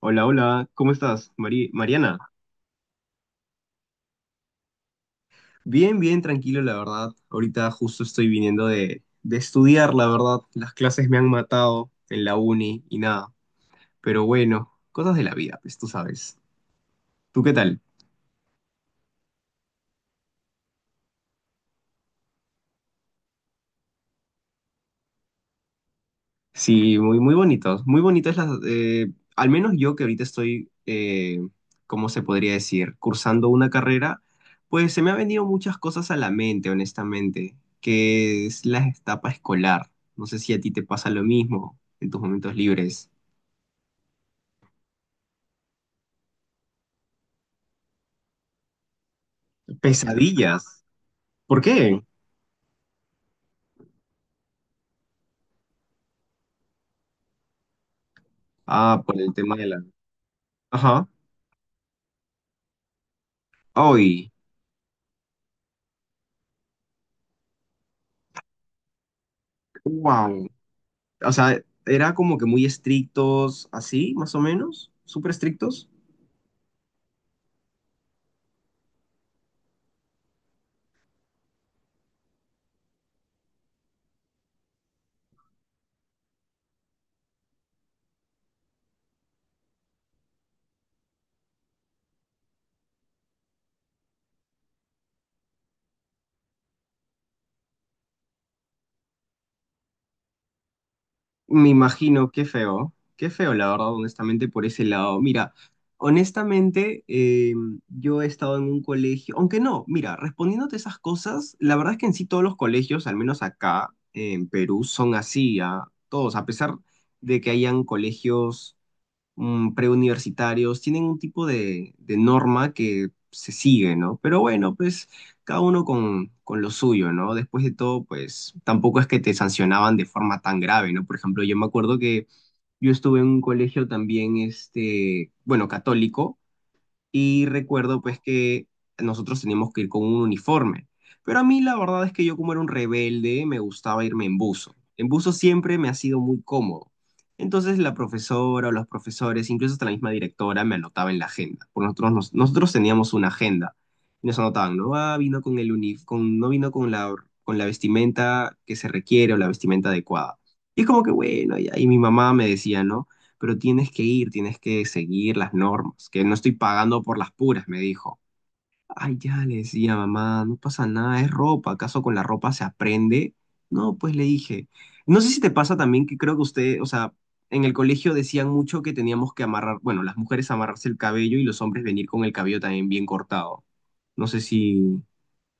Hola, hola, ¿cómo estás, Mariana? Bien, bien, tranquilo, la verdad. Ahorita justo estoy viniendo de estudiar, la verdad. Las clases me han matado en la uni y nada. Pero bueno, cosas de la vida, pues tú sabes. ¿Tú qué tal? Sí, muy, muy bonitos, muy bonitas las, al menos yo que ahorita estoy, ¿cómo se podría decir? Cursando una carrera, pues se me han venido muchas cosas a la mente, honestamente, que es la etapa escolar. No sé si a ti te pasa lo mismo en tus momentos libres. Pesadillas. ¿Por qué? Ah, por el tema de la... Ajá. Hoy. Wow. O sea, era como que muy estrictos, así, más o menos, súper estrictos. Me imagino, qué feo, la verdad, honestamente, por ese lado. Mira, honestamente, yo he estado en un colegio, aunque no, mira, respondiéndote esas cosas, la verdad es que en sí todos los colegios, al menos acá en Perú, son así, a todos, a pesar de que hayan colegios preuniversitarios, tienen un tipo de norma que se sigue, ¿no? Pero bueno, pues cada uno con lo suyo, ¿no? Después de todo, pues tampoco es que te sancionaban de forma tan grave, ¿no? Por ejemplo, yo me acuerdo que yo estuve en un colegio también, este, bueno, católico, y recuerdo pues que nosotros teníamos que ir con un uniforme. Pero a mí la verdad es que yo como era un rebelde me gustaba irme en buzo. En buzo siempre me ha sido muy cómodo. Entonces la profesora o los profesores, incluso hasta la misma directora, me anotaba en la agenda. Por nosotros, nosotros teníamos una agenda y nos anotaban, no ah, vino con el no vino con la vestimenta que se requiere o la vestimenta adecuada. Y es como que bueno, y ahí mi mamá me decía, ¿no? Pero tienes que ir, tienes que seguir las normas, que no estoy pagando por las puras, me dijo. Ay, ya le decía, mamá, no pasa nada, es ropa, ¿acaso con la ropa se aprende? No, pues le dije. No sé si te pasa también que creo que usted, o sea, en el colegio decían mucho que teníamos que amarrar, bueno, las mujeres amarrarse el cabello y los hombres venir con el cabello también bien cortado. No sé si,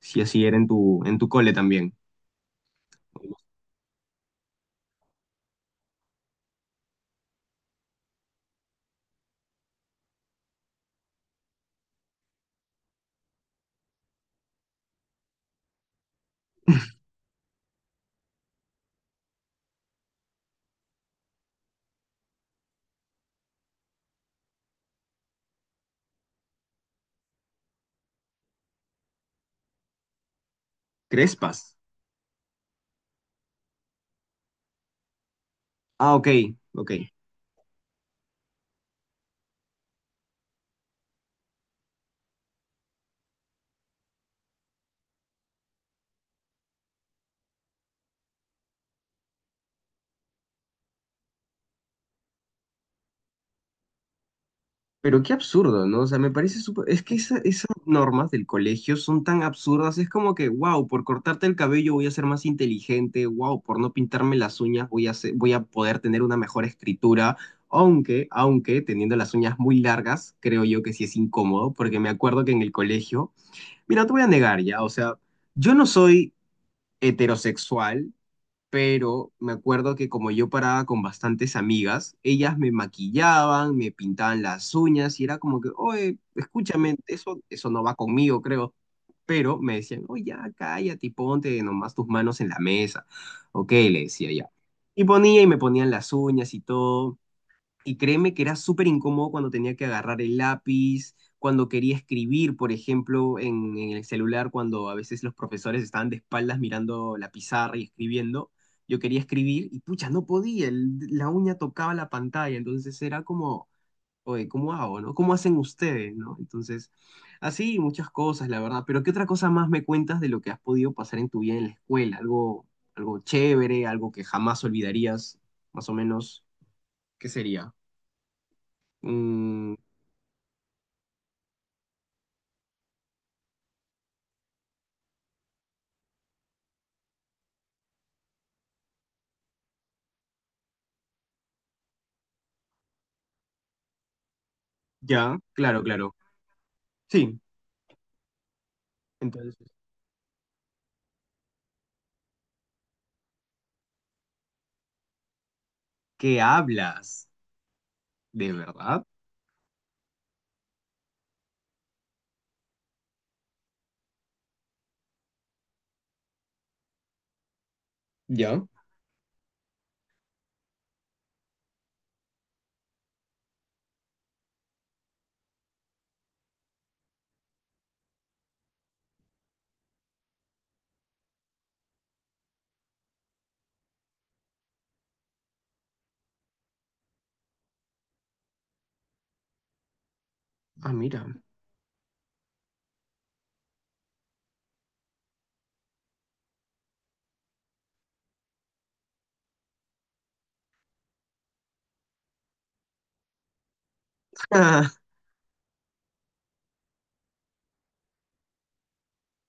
si así era en tu cole también. Crespas. Ah, ok, ok. Pero qué absurdo, ¿no? O sea, me parece súper... Es que esas normas del colegio son tan absurdas. Es como que, wow, por cortarte el cabello voy a ser más inteligente. Wow, por no pintarme las uñas voy a voy a poder tener una mejor escritura. Aunque, aunque, teniendo las uñas muy largas, creo yo que sí es incómodo, porque me acuerdo que en el colegio... Mira, no te voy a negar ya, o sea, yo no soy heterosexual, pero me acuerdo que como yo paraba con bastantes amigas, ellas me maquillaban, me pintaban las uñas y era como que, oye, escúchame, eso no va conmigo, creo. Pero me decían, oye, ya, cállate y ponte nomás tus manos en la mesa. Ok, le decía ya. Y ponía y me ponían las uñas y todo. Y créeme que era súper incómodo cuando tenía que agarrar el lápiz, cuando quería escribir, por ejemplo, en el celular, cuando a veces los profesores estaban de espaldas mirando la pizarra y escribiendo. Yo quería escribir y pucha, no podía, la uña tocaba la pantalla, entonces era como, oye, ¿cómo hago, no? ¿Cómo hacen ustedes, no? Entonces, así muchas cosas, la verdad. Pero ¿qué otra cosa más me cuentas de lo que has podido pasar en tu vida en la escuela? Algo, algo chévere, algo que jamás olvidarías, más o menos, ¿qué sería? Mm, ya, claro, claro. Sí, entonces, ¿qué hablas? ¿De verdad? Ya. Ah, mira.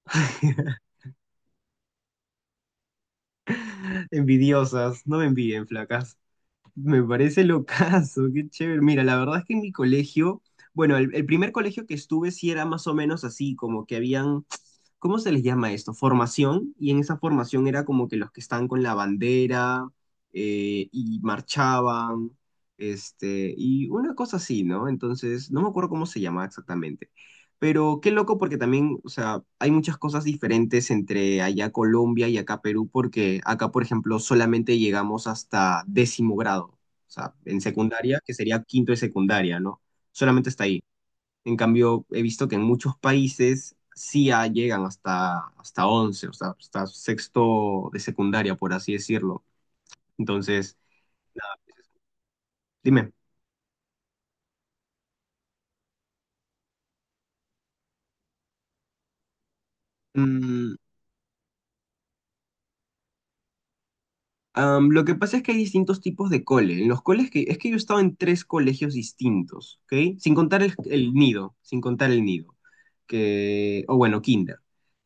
Envidiosas, no me envidien, flacas. Me parece locazo, qué chévere. Mira, la verdad es que en mi colegio, bueno, el primer colegio que estuve sí era más o menos así, como que habían, ¿cómo se les llama esto? Formación, y en esa formación era como que los que están con la bandera y marchaban, este, y una cosa así, ¿no? Entonces, no me acuerdo cómo se llamaba exactamente. Pero qué loco porque también, o sea, hay muchas cosas diferentes entre allá Colombia y acá Perú, porque acá, por ejemplo, solamente llegamos hasta décimo grado, o sea, en secundaria, que sería quinto de secundaria, ¿no? Solamente está ahí. En cambio, he visto que en muchos países sí ah, llegan hasta, hasta once, o sea, hasta sexto de secundaria, por así decirlo. Entonces, nada, pues, dime. Mm, am, lo que pasa es que hay distintos tipos de cole. En los coles que, es que yo he estado en tres colegios distintos, ¿ok? Sin contar el nido, sin contar el nido, que, o bueno, kinder.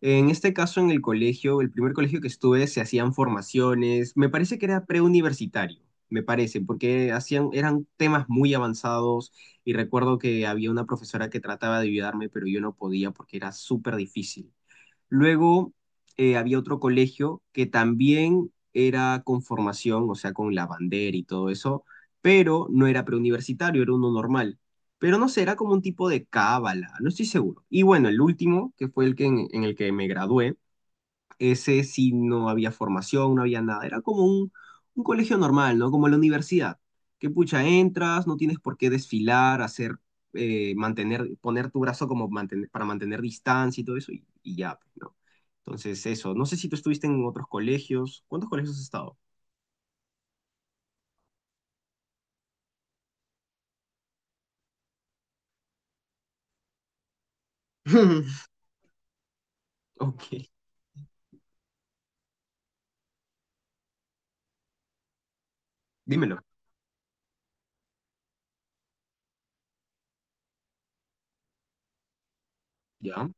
En este caso, en el colegio, el primer colegio que estuve, se hacían formaciones, me parece que era preuniversitario, me parece, porque hacían, eran temas muy avanzados y recuerdo que había una profesora que trataba de ayudarme, pero yo no podía porque era súper difícil. Luego había otro colegio que también era con formación, o sea, con la bandera y todo eso, pero no era preuniversitario, era uno normal. Pero no sé, era como un tipo de cábala, no estoy seguro. Y bueno, el último, que fue el que en el que me gradué, ese sí no había formación, no había nada. Era como un colegio normal, ¿no? Como la universidad. Que pucha, entras, no tienes por qué desfilar, hacer, mantener, poner tu brazo como para mantener distancia y todo eso, y ya, pues, ¿no? Entonces, eso. No sé si tú estuviste en otros colegios. ¿Cuántos colegios has estado? Ok, dímelo. ¿Ya?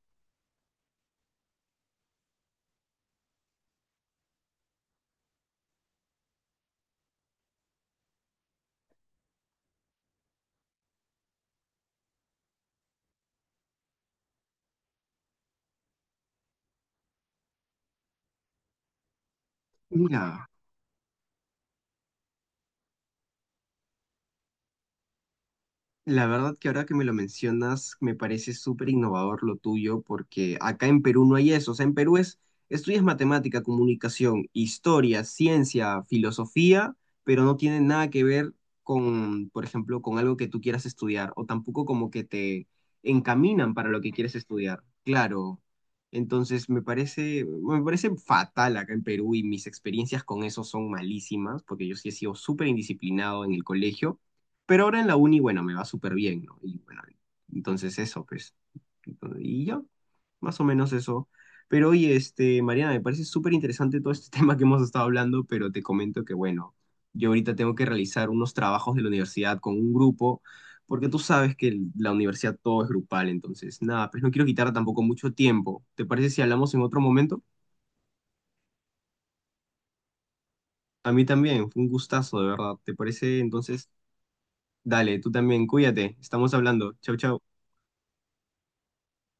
Mira. La verdad que ahora que me lo mencionas, me parece súper innovador lo tuyo, porque acá en Perú no hay eso. O sea, en Perú es, estudias matemática, comunicación, historia, ciencia, filosofía, pero no tiene nada que ver con, por ejemplo, con algo que tú quieras estudiar, o tampoco como que te encaminan para lo que quieres estudiar. Claro. Entonces, me parece fatal acá en Perú y mis experiencias con eso son malísimas, porque yo sí he sido súper indisciplinado en el colegio pero ahora en la uni, bueno, me va súper bien, ¿no? Y bueno, entonces eso, pues. Entonces, y ya, más o menos eso. Pero oye, este, Mariana, me parece súper interesante todo este tema que hemos estado hablando, pero te comento que, bueno, yo ahorita tengo que realizar unos trabajos de la universidad con un grupo, porque tú sabes que la universidad todo es grupal, entonces, nada, pues no quiero quitar tampoco mucho tiempo. ¿Te parece si hablamos en otro momento? A mí también, fue un gustazo, de verdad. ¿Te parece? Entonces, dale, tú también, cuídate, estamos hablando. Chau, chau.